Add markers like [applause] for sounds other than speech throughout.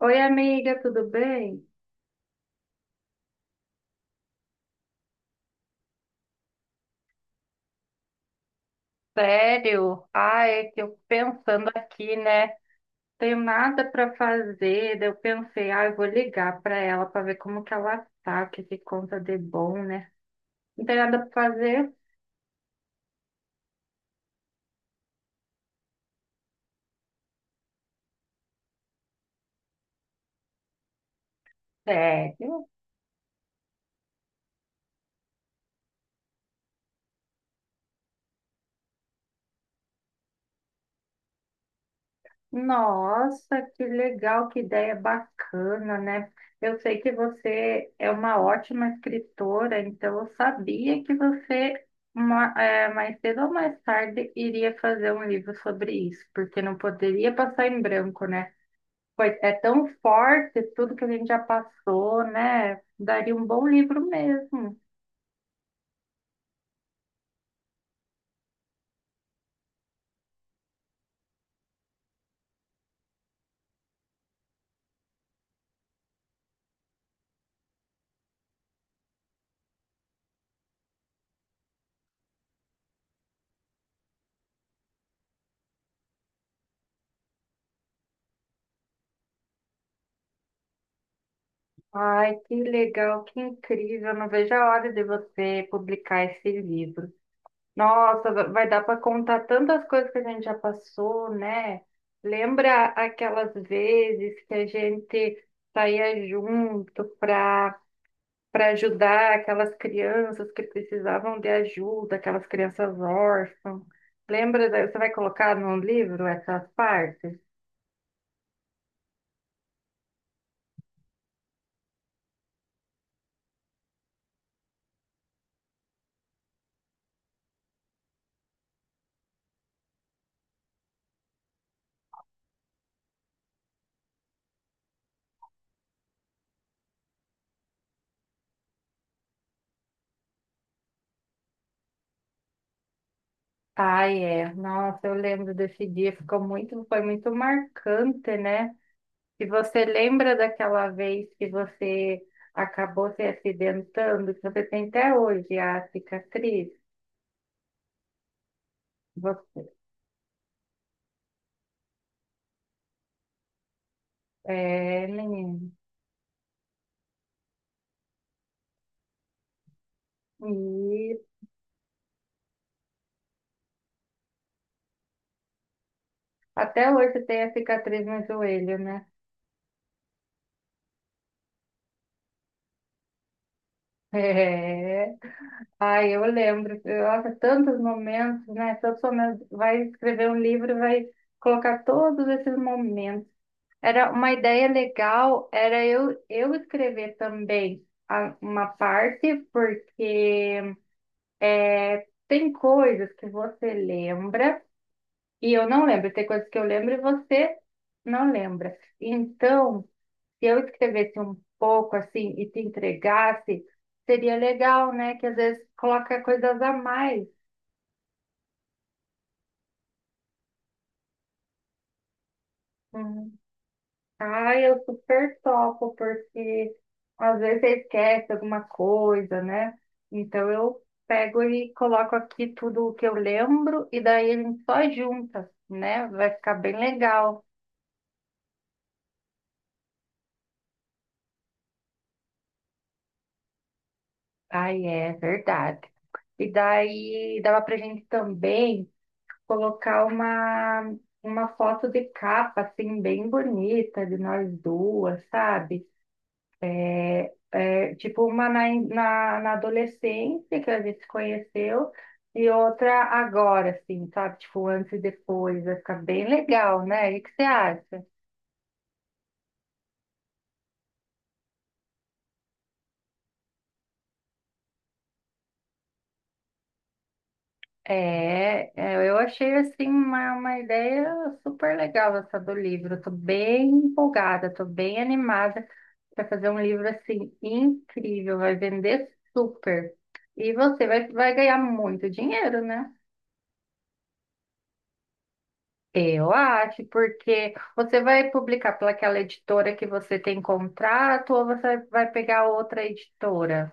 Oi, amiga, tudo bem? Sério? Ah, é que eu pensando aqui, né? Tenho nada para fazer. Daí eu pensei, ah, eu vou ligar para ela para ver como que ela tá, o que que conta de bom, né? Não tem nada para fazer? Sério? Nossa, que legal, que ideia bacana, né? Eu sei que você é uma ótima escritora, então eu sabia que você mais cedo ou mais tarde iria fazer um livro sobre isso, porque não poderia passar em branco, né? Pois é tão forte tudo que a gente já passou, né? Daria um bom livro mesmo. Ai, que legal, que incrível. Não vejo a hora de você publicar esse livro. Nossa, vai dar para contar tantas coisas que a gente já passou, né? Lembra aquelas vezes que a gente saía junto para ajudar aquelas crianças que precisavam de ajuda, aquelas crianças órfãs? Lembra? Você vai colocar no livro essas partes? Ai, é. Nossa, eu lembro desse dia, foi muito marcante, né? Se você lembra daquela vez que você acabou se acidentando, que você tem até hoje a cicatriz, você, é, menino, e até hoje tem a cicatriz no joelho, né? [laughs] É. Ai, eu lembro, nossa, tantos momentos, né? Tantos momentos. Vai escrever um livro, vai colocar todos esses momentos. Era uma ideia legal, era eu escrever também uma parte, porque é, tem coisas que você lembra. E eu não lembro, tem coisas que eu lembro e você não lembra. Então, se eu escrevesse um pouco assim e te entregasse, seria legal, né? Que às vezes coloca coisas a mais. Uhum. Ah, eu super topo, porque às vezes você esquece alguma coisa, né? Então eu pego e coloco aqui tudo o que eu lembro e daí a gente só junta, né? Vai ficar bem legal. Ai, é verdade. E daí dava pra gente também colocar uma foto de capa, assim, bem bonita de nós duas, sabe? É, tipo uma na adolescência que a gente se conheceu e outra agora, assim, sabe? Tipo, antes e depois. Vai ficar bem legal, né? O que você acha? Eu achei, assim, uma ideia super legal essa do livro. Estou bem empolgada, estou bem animada. Vai fazer um livro assim incrível, vai vender super. E você vai ganhar muito dinheiro, né? Eu acho, porque você vai publicar pelaquela editora que você tem contrato ou você vai pegar outra editora?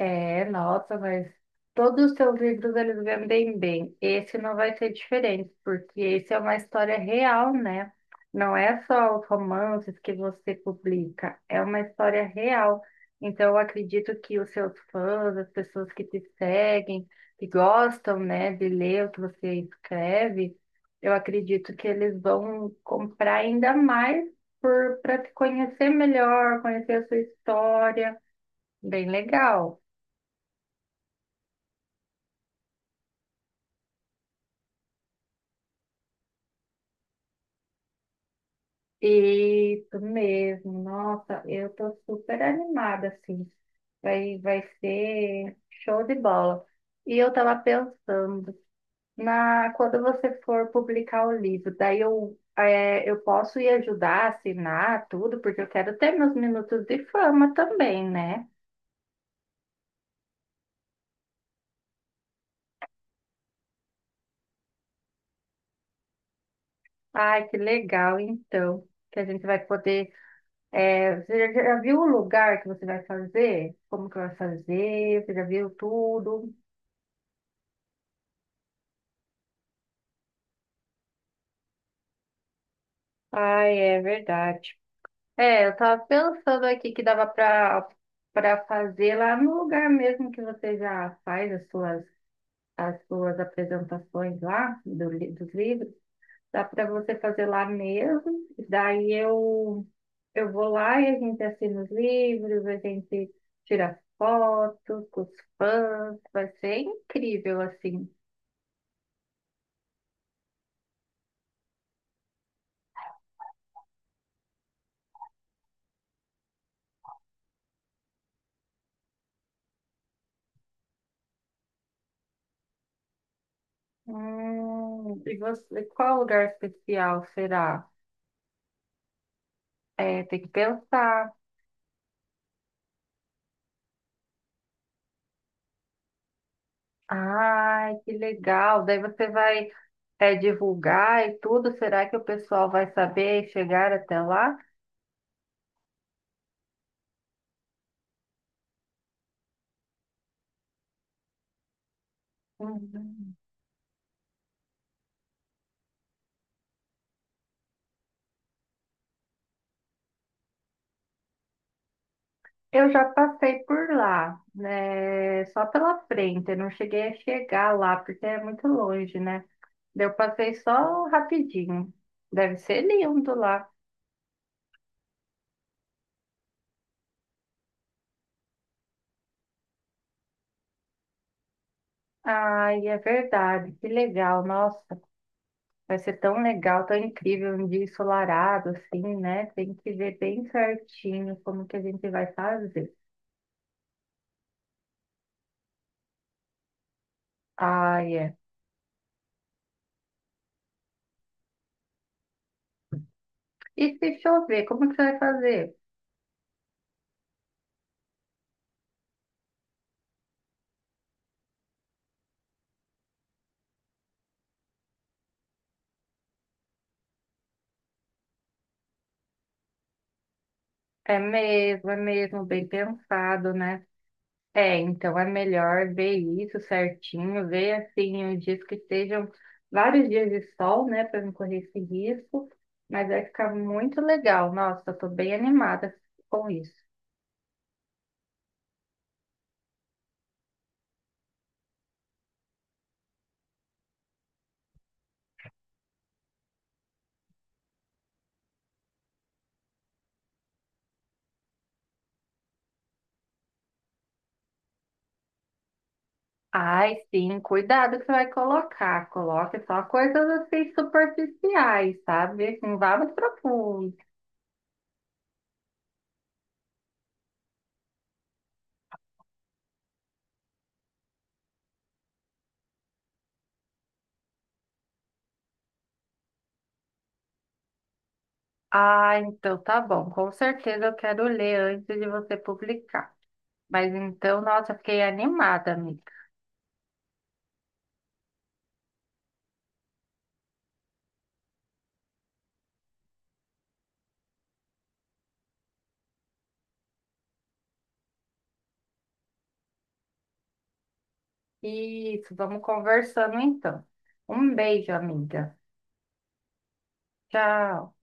É, nossa, mas todos os seus livros eles vendem bem. Esse não vai ser diferente, porque esse é uma história real, né? Não é só os romances que você publica, é uma história real. Então, eu acredito que os seus fãs, as pessoas que te seguem, que gostam, né, de ler o que você escreve, eu acredito que eles vão comprar ainda mais por para te conhecer melhor, conhecer a sua história. Bem legal. Isso mesmo, nossa, eu tô super animada, assim, vai ser show de bola. E eu tava pensando, na, quando você for publicar o livro, daí eu, é, eu posso ir ajudar, a assinar tudo, porque eu quero ter meus minutos de fama também, né? Ai, que legal, então, que a gente vai poder, é, você já viu o lugar que você vai fazer? Como que vai fazer? Você já viu tudo? Ai, é verdade. É, eu tava pensando aqui que dava para fazer lá no lugar mesmo que você já faz as suas apresentações lá do, dos livros. Dá para você fazer lá mesmo. Daí eu vou lá e a gente assina os livros, a gente tira fotos com os fãs. Vai ser incrível assim. E você, qual lugar especial será? É, tem que pensar. Ai, que legal. Daí você vai é, divulgar e tudo. Será que o pessoal vai saber e chegar até lá? Uhum. Eu já passei por lá, né? Só pela frente. Eu não cheguei a chegar lá, porque é muito longe, né? Daí eu passei só rapidinho. Deve ser lindo lá. Ai, é verdade. Que legal. Nossa, vai ser tão legal, tão incrível. Um dia ensolarado, assim, né? Tem que ver bem certinho como que a gente vai fazer. Ah, é. E se chover, como que você vai fazer? É mesmo, bem pensado, né? É, então é melhor ver isso certinho, ver assim os dias que estejam vários dias de sol, né, para não correr esse risco. Mas vai ficar muito legal. Nossa, eu tô bem animada com isso. Ai, sim, cuidado que você vai colocar. Coloque só coisas assim superficiais, sabe? Não vá muito profundo. Ah, então tá bom. Com certeza eu quero ler antes de você publicar. Mas então, nossa, fiquei animada, amiga. Isso, vamos conversando então. Um beijo, amiga. Tchau.